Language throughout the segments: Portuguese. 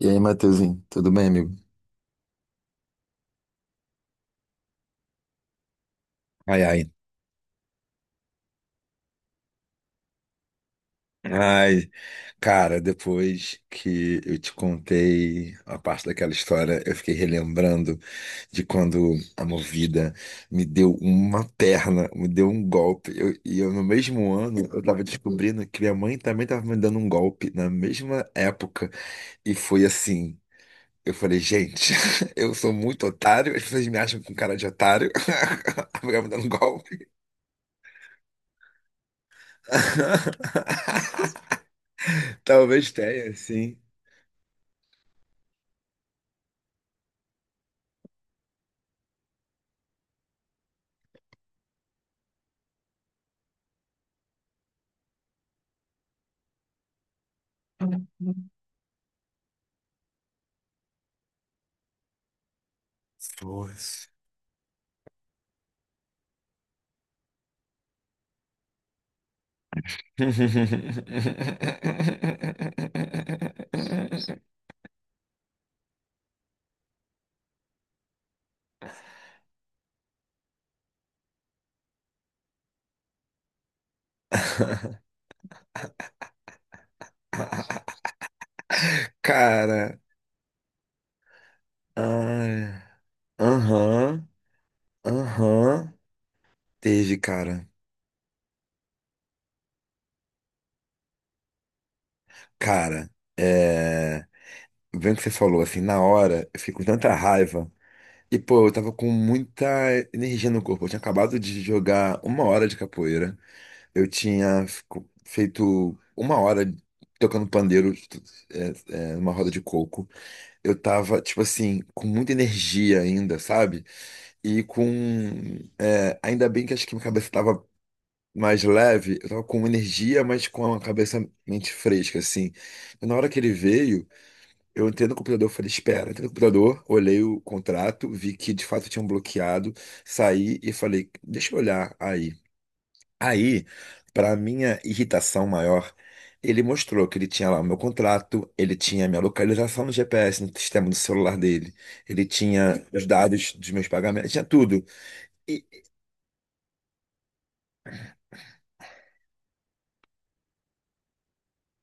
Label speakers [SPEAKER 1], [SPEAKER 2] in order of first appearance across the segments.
[SPEAKER 1] E aí, Matheusinho, tudo bem, amigo? Ai, ai. Ai, cara, depois que eu te contei a parte daquela história, eu fiquei relembrando de quando a Movida me deu uma perna, me deu um golpe. E eu, no mesmo ano, eu tava descobrindo que minha mãe também tava me dando um golpe na mesma época. E foi assim. Eu falei, gente, eu sou muito otário, as pessoas me acham com cara de otário. A mulher me dando um golpe. Talvez tenha, sim. Força. Cara, ai, aham, aham, teve, cara. Cara, é, vendo o que você falou, assim, na hora, eu fiquei com tanta raiva. E, pô, eu tava com muita energia no corpo. Eu tinha acabado de jogar uma hora de capoeira. Eu tinha feito uma hora tocando pandeiro, é, numa roda de coco. Eu tava, tipo assim, com muita energia ainda, sabe? E com. Ainda bem que acho que minha cabeça tava mais leve, eu tava com energia, mas com a cabeça mente fresca, assim. E na hora que ele veio, eu entrei no computador, falei, espera, entrei no computador, olhei o contrato, vi que de fato tinham bloqueado, saí e falei, deixa eu olhar aí. Aí, para minha irritação maior, ele mostrou que ele tinha lá o meu contrato, ele tinha a minha localização no GPS, no sistema do celular dele, ele tinha os dados dos meus pagamentos, tinha tudo. E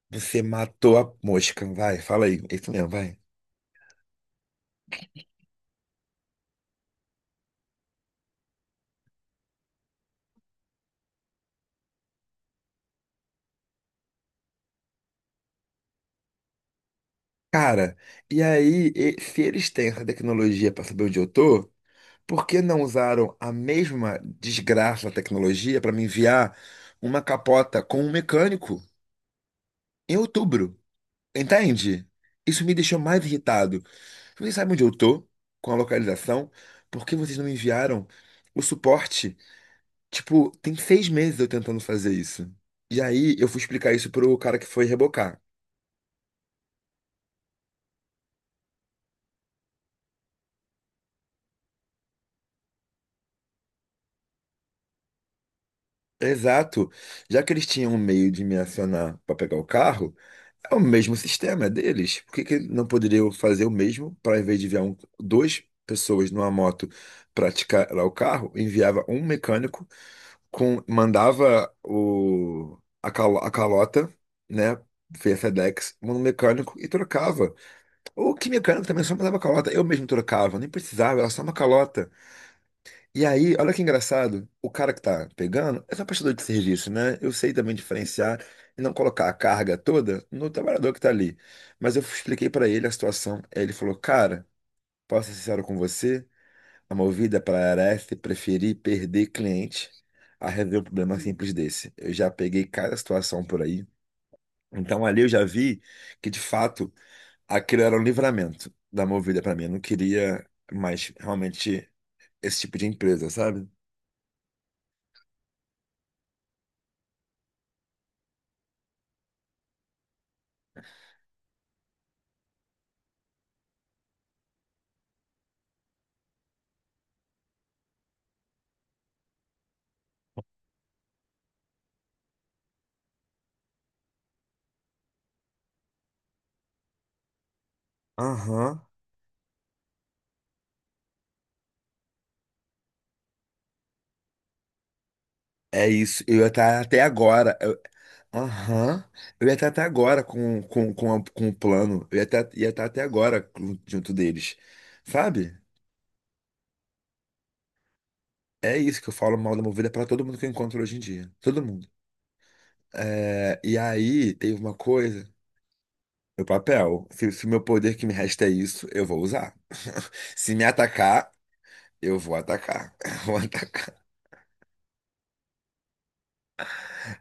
[SPEAKER 1] você matou a mosca, vai, fala aí, é isso mesmo, vai. Cara, e aí, se eles têm essa tecnologia para saber onde eu tô, por que não usaram a mesma desgraça da tecnologia para me enviar uma capota com um mecânico em outubro? Entende? Isso me deixou mais irritado. Vocês sabem onde eu tô com a localização? Por que vocês não me enviaram o suporte? Tipo, tem seis meses eu tentando fazer isso. E aí eu fui explicar isso pro cara que foi rebocar. Exato. Já que eles tinham um meio de me acionar para pegar o carro, é o mesmo sistema, é deles. Por que que não poderiam fazer o mesmo para, em vez de enviar um, duas pessoas numa moto praticar lá o carro, enviava um mecânico com, mandava a calota, né? Via FedEx, no mecânico e trocava. Ou que mecânico também só mandava calota, eu mesmo trocava, nem precisava, era só uma calota. E aí, olha que engraçado, o cara que tá pegando é só prestador de serviço, né? Eu sei também diferenciar e não colocar a carga toda no trabalhador que tá ali. Mas eu expliquei pra ele a situação, aí ele falou: cara, posso ser sincero com você? Movida para Areste, preferi perder cliente a resolver um problema simples desse. Eu já peguei cada situação por aí. Então ali eu já vi que de fato aquilo era um livramento da Movida para mim. Eu não queria mais realmente esse tipo de empresa, sabe? Aham. É isso. Eu ia estar até agora. Eu- Aham. Ia estar até agora com o plano. Ia estar até agora junto junto deles. Sabe? É isso que eu falo mal da Movida para todo mundo que eu encontro hoje em dia. Todo mundo. É, e aí teve uma coisa, meu papel. Se meu poder que me resta é isso, eu vou usar. Se me atacar, eu vou atacar. Eu vou atacar.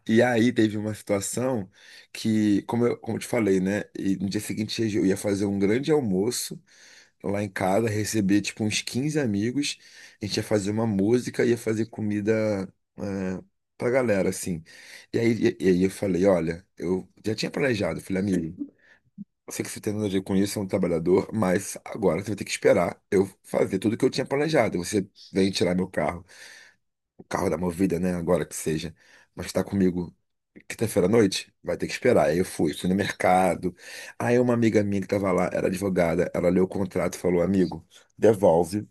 [SPEAKER 1] E aí teve uma situação que, como eu te falei, né? E no dia seguinte eu ia fazer um grande almoço lá em casa, receber tipo uns 15 amigos. A gente ia fazer uma música, ia fazer comida, é, pra galera, assim. E aí eu falei, olha, eu já tinha planejado, falei, amigo. Eu sei que você tem nada a ver com isso, é um trabalhador, mas agora você vai ter que esperar eu fazer tudo o que eu tinha planejado. Você vem tirar meu carro, o carro da Movida, né? Agora que seja. Mas tá comigo quinta-feira à noite? Vai ter que esperar. Aí eu fui, fui no mercado. Aí uma amiga minha que tava lá, era advogada, ela leu o contrato e falou: amigo, devolve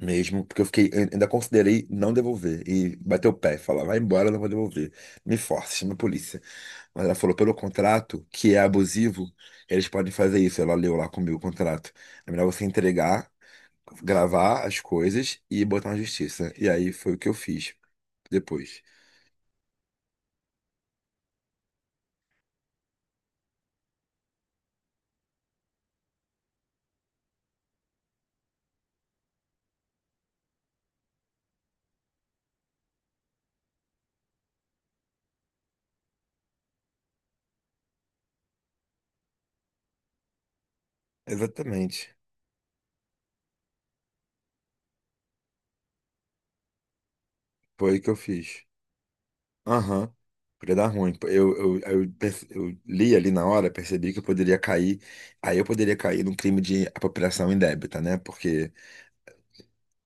[SPEAKER 1] mesmo, porque eu fiquei, eu ainda considerei não devolver. E bateu o pé, falar: vai embora, eu não vou devolver. Me force, chama a polícia. Mas ela falou pelo contrato, que é abusivo, eles podem fazer isso. Ela leu lá comigo o contrato. É melhor você entregar, gravar as coisas e botar na justiça. E aí foi o que eu fiz depois. Exatamente. Foi o que eu fiz. Aham. Podia dar ruim. Eu li ali na hora, percebi que eu poderia cair. Aí eu poderia cair num crime de apropriação indébita, né? Porque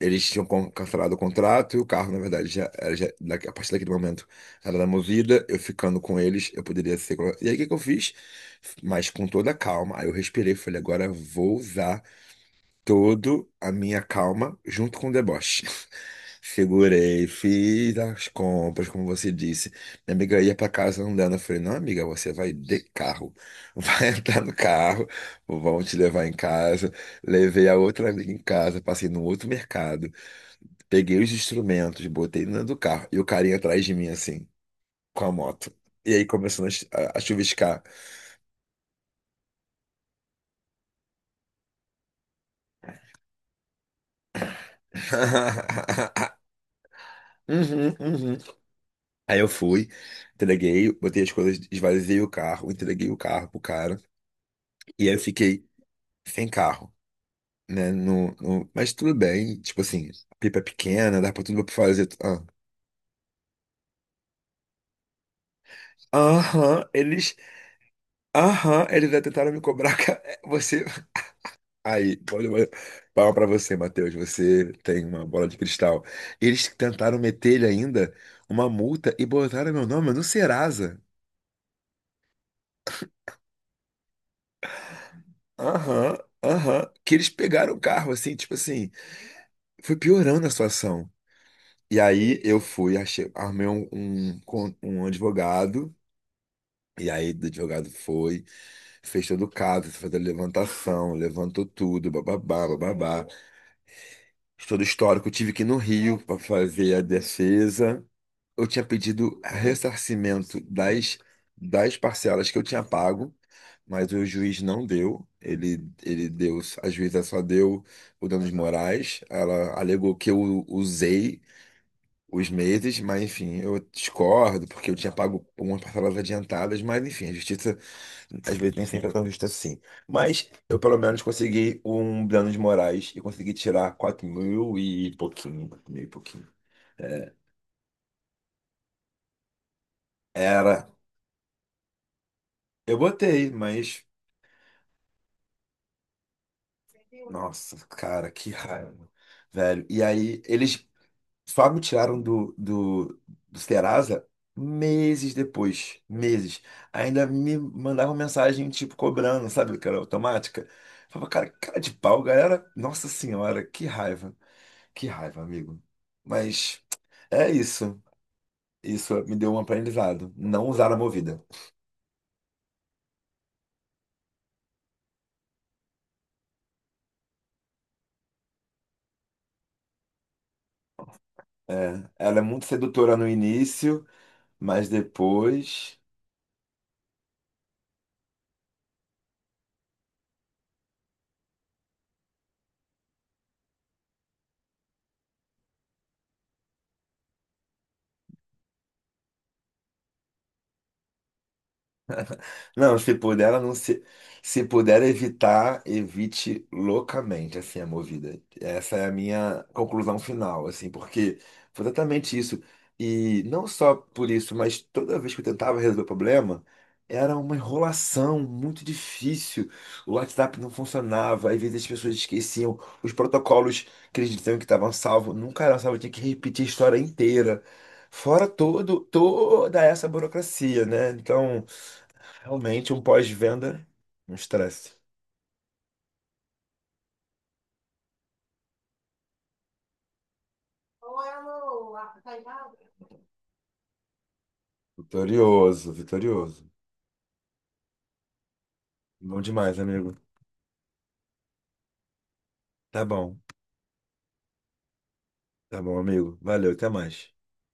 [SPEAKER 1] eles tinham cancelado o contrato e o carro, na verdade, já, era já a partir daquele momento era da Movida. Eu ficando com eles, eu poderia ser. E aí, o que que eu fiz? Mas com toda a calma. Aí eu respirei, e falei: agora eu vou usar toda a minha calma junto com o deboche. Segurei, fiz as compras, como você disse. Minha amiga ia para casa andando. Eu falei: não, amiga, você vai de carro. Vai entrar no carro, vão te levar em casa. Levei a outra amiga em casa, passei no outro mercado. Peguei os instrumentos, botei dentro do carro e o carinha atrás de mim, assim, com a moto. E aí começou a chuviscar. Uhum, uhum. Aí eu fui, entreguei, botei as coisas, esvaziei o carro, entreguei o carro pro cara. E aí eu fiquei sem carro, né? Mas tudo bem, tipo assim, a pipa é pequena, dá pra tudo pra fazer. Ah. Aham, eles. Aham, eles já tentaram me cobrar. Você aí, palma pra você, Matheus. Você tem uma bola de cristal. Eles tentaram meter lhe ainda uma multa e botaram meu nome no Serasa. Aham, aham. Que eles pegaram o carro, assim, tipo assim. Foi piorando a situação. E aí eu fui, achei, armei um advogado. E aí o advogado foi, fez todo o caso, fez a levantação, levantou tudo, bababá, bababá. Todo o histórico. Tive que ir no Rio pra fazer a defesa. Eu tinha pedido ressarcimento das parcelas que eu tinha pago, mas o juiz não deu. Ele deu, a juíza só deu o danos morais. Ela alegou que eu usei os meses, mas enfim, eu discordo, porque eu tinha pago umas parcelas adiantadas, mas enfim, a justiça às vezes nem sempre é tão justa assim. Mas eu pelo menos consegui um danos morais e consegui tirar 4 mil e pouquinho, 4 mil e pouquinho. É, era. Eu botei, mas nossa, cara, que raiva, velho. E aí, eles só me tiraram do Serasa meses depois, meses. Ainda me mandavam mensagem, tipo, cobrando, sabe, cara, automática. Eu falava, cara, que cara de pau, galera. Nossa senhora, que raiva, amigo. Mas é isso. Isso me deu um aprendizado. Não usar a Movida. É, ela é muito sedutora no início, mas depois. Não, se puder, ela não se. Se puder evitar, evite loucamente, assim, a movida. Essa é a minha conclusão final, assim, porque foi exatamente isso. E não só por isso, mas toda vez que eu tentava resolver o problema, era uma enrolação muito difícil. O WhatsApp não funcionava, às vezes as pessoas esqueciam, os protocolos que eles diziam que estavam salvos nunca eram salvos, tinha que repetir a história inteira. Toda essa burocracia, né? Então. Realmente um pós-venda, é um estresse. Vitorioso, vitorioso. Bom demais, amigo. Tá bom, tá bom, amigo. Valeu, até mais.